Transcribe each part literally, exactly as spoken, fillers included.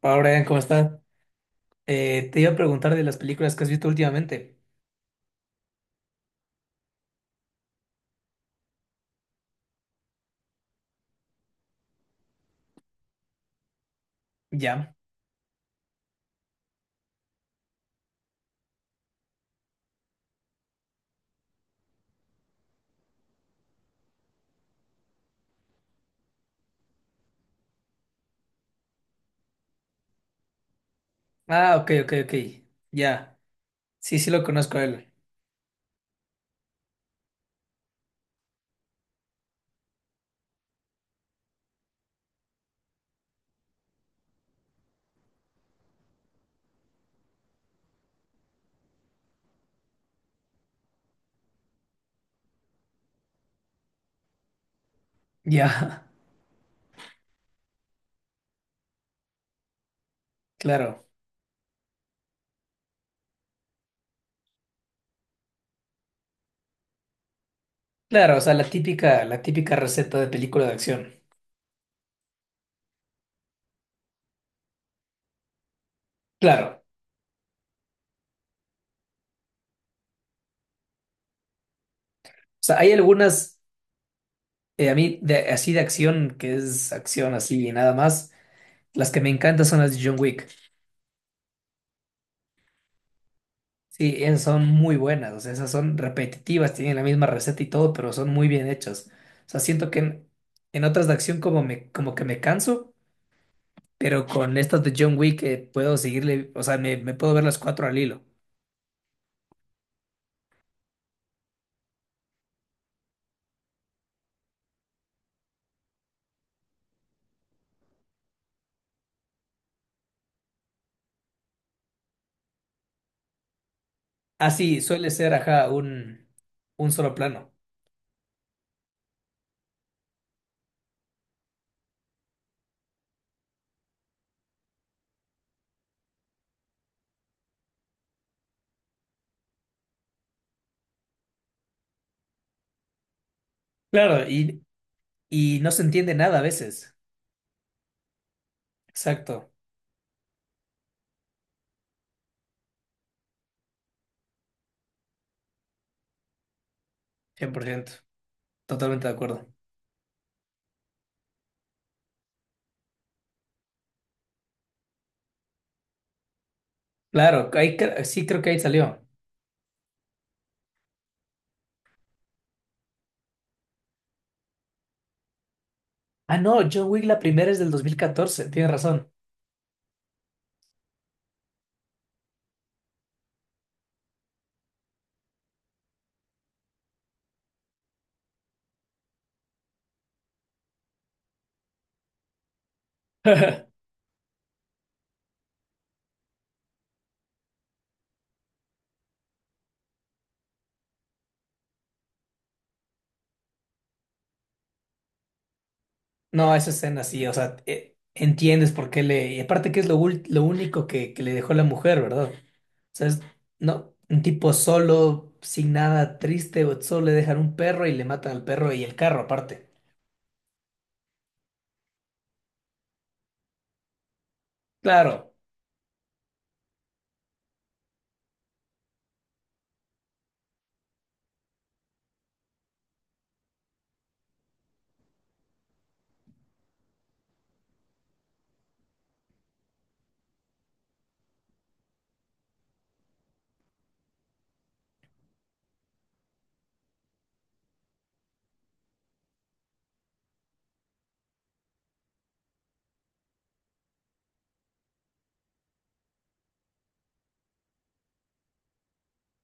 Hola Brian, ¿cómo estás? Eh, te iba a preguntar de las películas que has visto últimamente. Ya. Ah, ok, ok, ok. Ya. Sí, sí lo conozco a él. Ya. Claro. Claro, o sea, la típica, la típica receta de película de acción. Claro. O sea, hay algunas, eh, a mí, de, así de acción, que es acción así y nada más. Las que me encantan son las de John Wick. Sí, esas son muy buenas. O sea, esas son repetitivas, tienen la misma receta y todo, pero son muy bien hechas. O sea, siento que en, en otras de acción como, me, como que me canso. Pero con estas de John Wick eh, puedo seguirle, o sea, me, me puedo ver las cuatro al hilo. Así suele ser, ajá, un, un solo plano. Claro, y, y no se entiende nada a veces. Exacto, cien por ciento. Totalmente de acuerdo. Claro, ahí cre- sí creo que ahí salió. Ah, no, John Wick la primera es del dos mil catorce, tienes razón. No, esa escena sí, o sea, eh, entiendes por qué le. Y aparte que es lo, ul- lo único que, que le dejó la mujer, ¿verdad? Sea, es, no, un tipo solo, sin nada, triste, o solo le dejan un perro y le matan al perro y el carro aparte. Claro,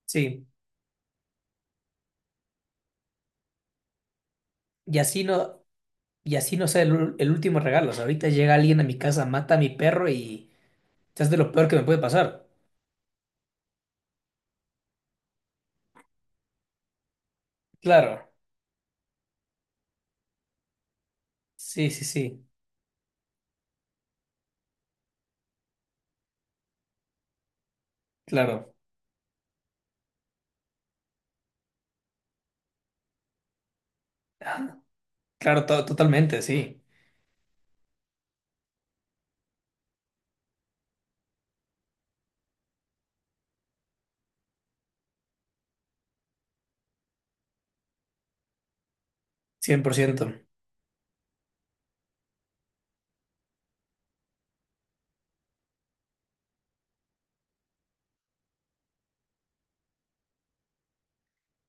sí. Y así no, y así no sea el, ul- el último regalo. O sea, ahorita llega alguien a mi casa, mata a mi perro y, o sea, es de lo peor que me puede pasar. Claro, sí, sí, sí, claro. Ah, claro, to- totalmente, sí, cien por ciento.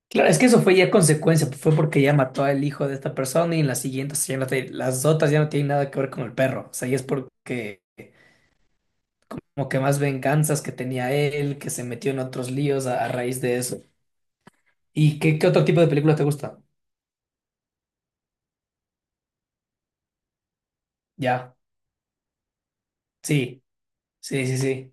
Claro, es que eso fue ya consecuencia, fue porque ya mató al hijo de esta persona y en las siguientes ya no te- las otras ya no tienen nada que ver con el perro. O sea, ya es porque como que más venganzas que tenía él, que se metió en otros líos a, a raíz de eso. ¿Y qué, qué otro tipo de película te gusta? Ya, sí, sí, sí, sí.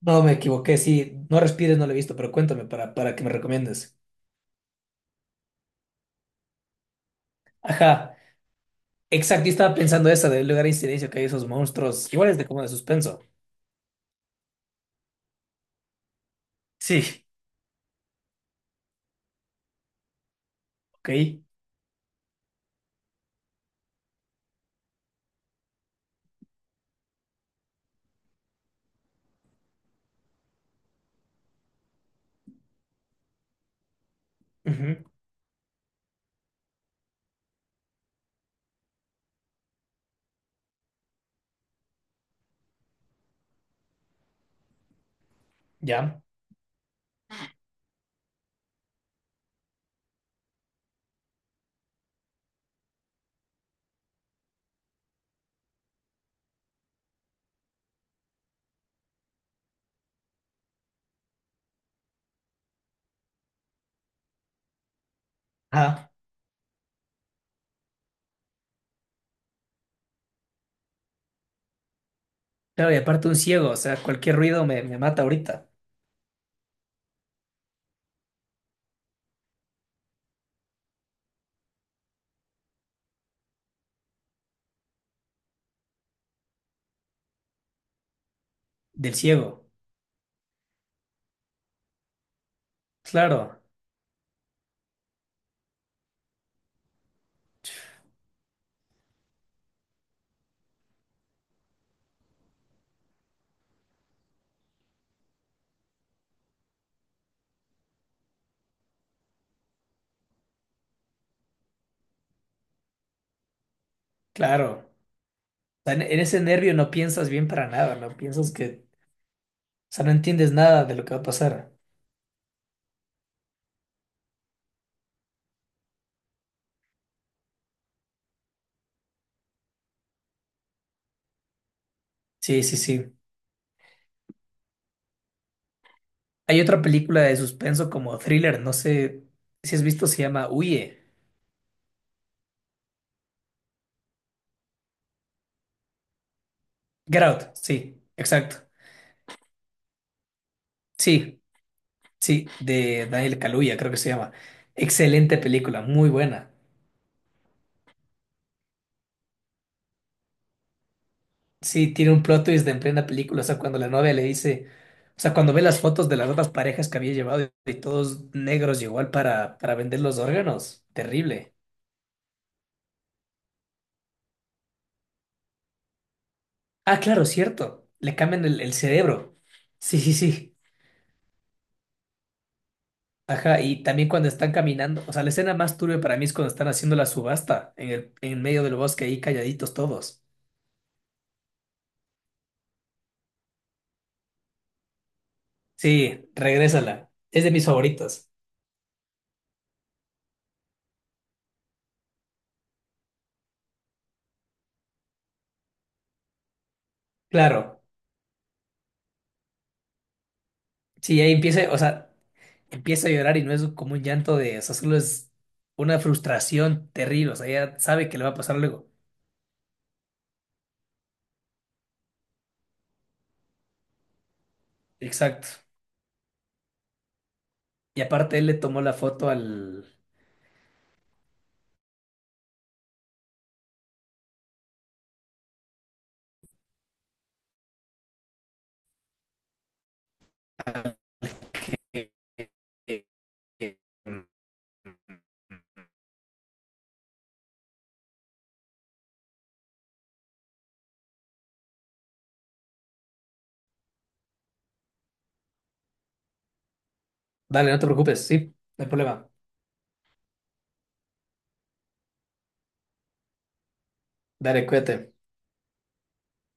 No me equivoqué, sí. No respires, no lo he visto, pero cuéntame para, para, que me recomiendes. Ajá, exacto, yo estaba pensando esa del lugar de incidencia que hay esos monstruos. Igual es de como de suspenso. Sí, ok. Ujú. Ya. Ajá. Claro, y aparte un ciego, o sea, cualquier ruido me, me mata ahorita. Del ciego. Claro, claro. Sea, en, en ese nervio no piensas bien para nada, no piensas que, o sea, no entiendes nada de lo que va a pasar. Sí, sí, sí. Hay otra película de suspenso como thriller, no sé si has visto, se llama Huye. Get Out, sí, exacto. Sí, sí, de Daniel Kaluuya, creo que se llama. Excelente película, muy buena. Sí, tiene un plot twist en plena película, o sea, cuando la novia le dice, o sea, cuando ve las fotos de las otras parejas que había llevado y todos negros, llegó igual para, para vender los órganos, terrible. Ah, claro, cierto. Le cambian el, el cerebro. Sí, sí, sí. Ajá, y también cuando están caminando. O sea, la escena más turbia para mí es cuando están haciendo la subasta en el, en medio del bosque ahí calladitos todos. Sí, regrésala. Es de mis favoritos. Claro. Sí, ahí empieza, o sea, empieza a llorar y no es como un llanto de, o sea, solo es una frustración terrible. O sea, ella sabe que le va a pasar luego. Exacto. Y aparte él le tomó la foto al. Dale, no te preocupes, sí, no hay problema. Dale, cuídate.